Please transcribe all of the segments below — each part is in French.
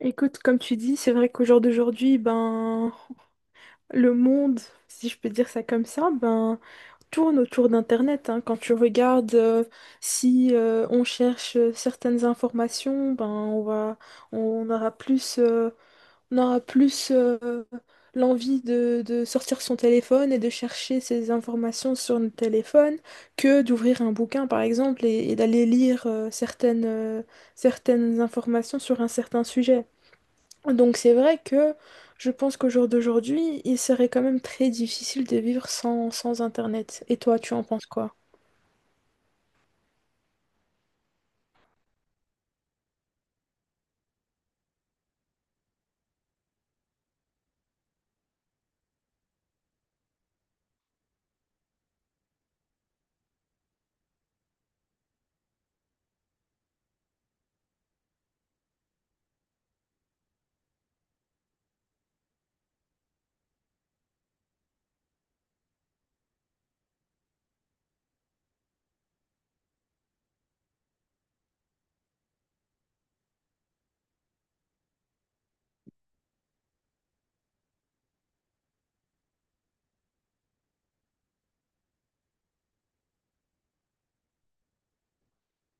Écoute, comme tu dis, c'est vrai qu'au jour d'aujourd'hui, le monde, si je peux dire ça comme ça, ben, tourne autour d'Internet, hein. Quand tu regardes, si on cherche certaines informations, ben, on va, on aura plus, euh, on aura plus l'envie de sortir son téléphone et de chercher ces informations sur notre téléphone que d'ouvrir un bouquin, par exemple, et d'aller lire certaines informations sur un certain sujet. Donc c'est vrai que je pense qu'au jour d'aujourd'hui, il serait quand même très difficile de vivre sans Internet. Et toi, tu en penses quoi?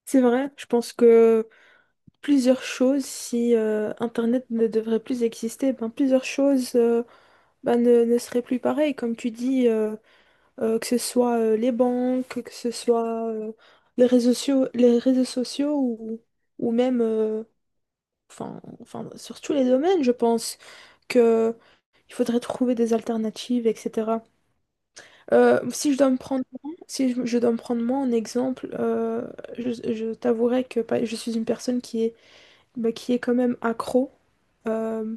C'est vrai, je pense que plusieurs choses, si Internet ne devrait plus exister, ben, plusieurs choses ben, ne seraient plus pareilles. Comme tu dis, que ce soit les banques, que ce soit les réseaux sociaux, ou même, enfin, sur tous les domaines, je pense que il faudrait trouver des alternatives, etc. Si je dois me prendre, si je dois me prendre moi en exemple, je t'avouerai que je suis une personne qui est, bah, qui est quand même accro euh,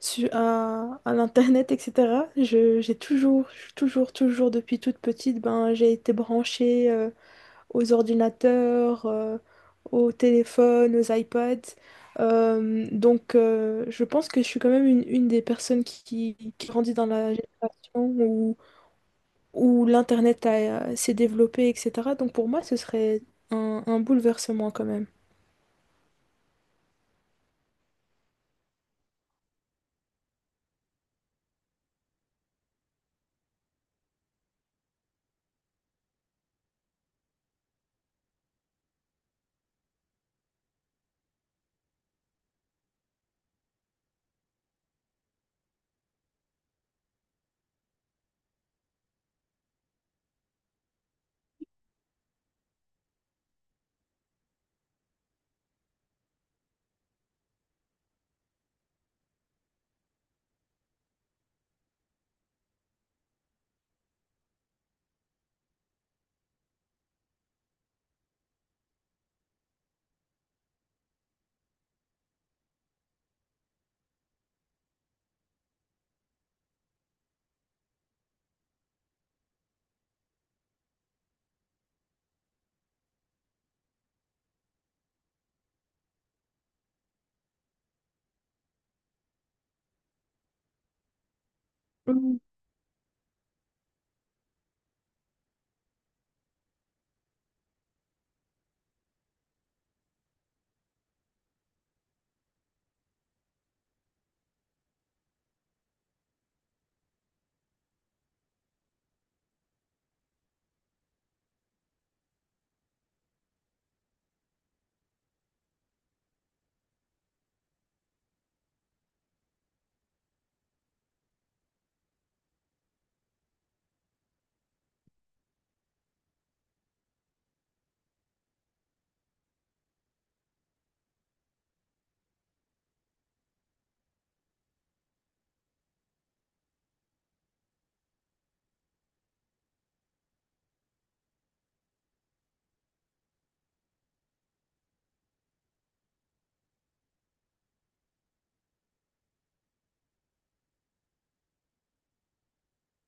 à l'internet, etc. J'ai toujours, toujours, toujours depuis toute petite, ben, j'ai été branchée aux ordinateurs, aux téléphones, aux iPads. Donc, je pense que je suis quand même une des personnes qui grandit dans la génération où, où l'Internet s'est développé, etc. Donc, pour moi, ce serait un bouleversement quand même. Mm.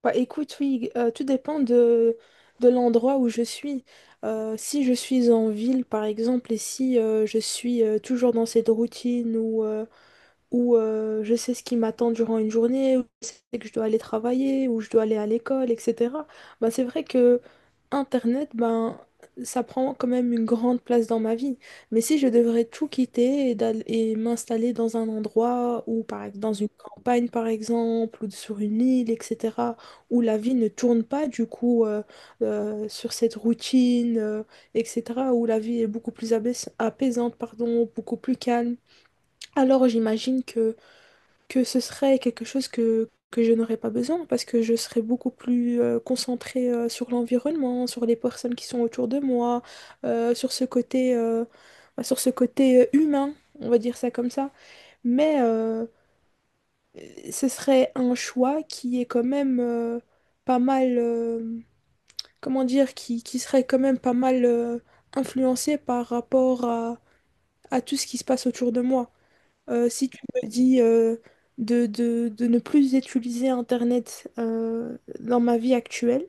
Bah, écoute, oui, tout dépend de l'endroit où je suis. Si je suis en ville, par exemple, et si je suis toujours dans cette routine où je sais ce qui m'attend durant une journée, où je sais que je dois aller travailler, où je dois aller à l'école, etc. Ben, c'est vrai que Internet, ben, ça prend quand même une grande place dans ma vie. Mais si je devrais tout quitter et m'installer dans un endroit ou dans une campagne, par exemple, ou sur une île, etc., où la vie ne tourne pas du coup sur cette routine, etc., où la vie est beaucoup plus apaisante, pardon, beaucoup plus calme. Alors j'imagine que ce serait quelque chose que je n'aurais pas besoin parce que je serais beaucoup plus concentrée sur l'environnement, sur les personnes qui sont autour de moi, sur ce côté, bah, sur ce côté humain, on va dire ça comme ça. Mais ce serait un choix qui est quand même pas mal, comment dire, qui serait quand même pas mal influencé par rapport à tout ce qui se passe autour de moi. Si tu me dis de ne plus utiliser Internet dans ma vie actuelle,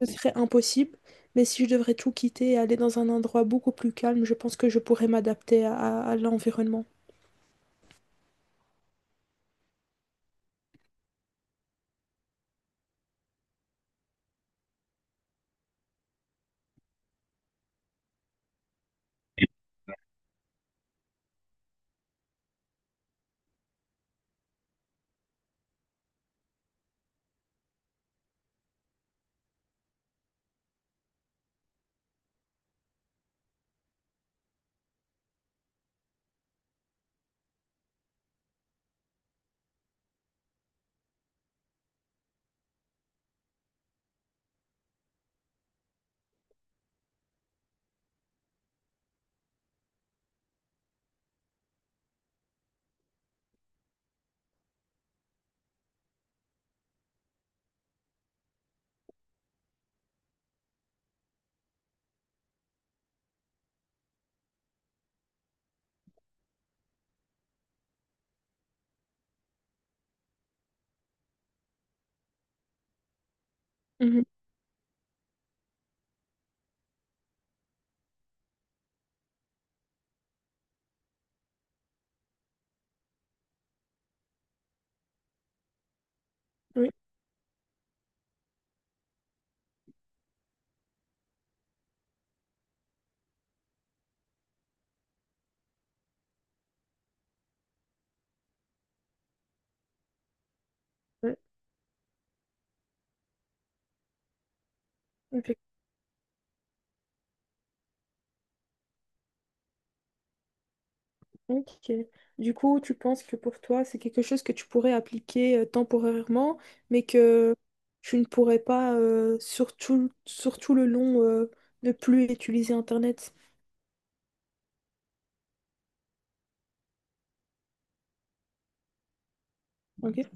ce serait impossible. Mais si je devrais tout quitter et aller dans un endroit beaucoup plus calme, je pense que je pourrais m'adapter à, à l'environnement. Mhm. Oui, ouais, effectivement. Ok. Du coup, tu penses que pour toi, c'est quelque chose que tu pourrais appliquer temporairement, mais que tu ne pourrais pas, surtout le long, ne plus utiliser Internet. Ok.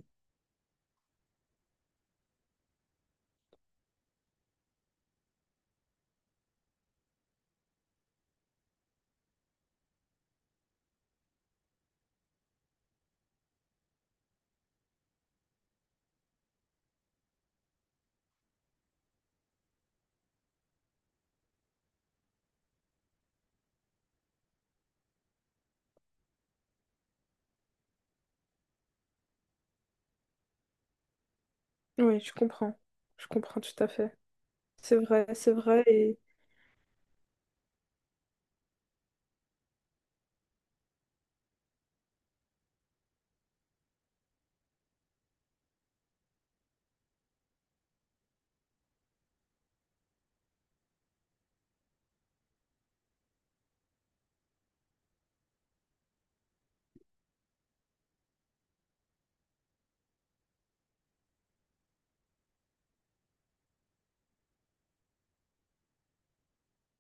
Oui, je comprends. Je comprends tout à fait. C'est vrai, c'est vrai. Et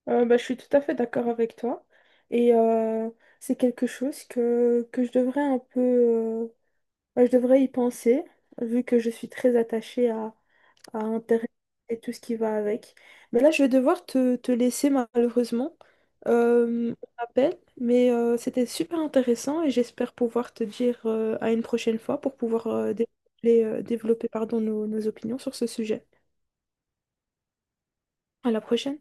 bah, je suis tout à fait d'accord avec toi. Et c'est quelque chose que je devrais un peu... bah, je devrais y penser, vu que je suis très attachée à Internet et tout ce qui va avec. Mais là, je vais devoir te, te laisser malheureusement. On m'appelle, mais c'était super intéressant et j'espère pouvoir te dire à une prochaine fois pour pouvoir développer, pardon, nos opinions sur ce sujet. À la prochaine.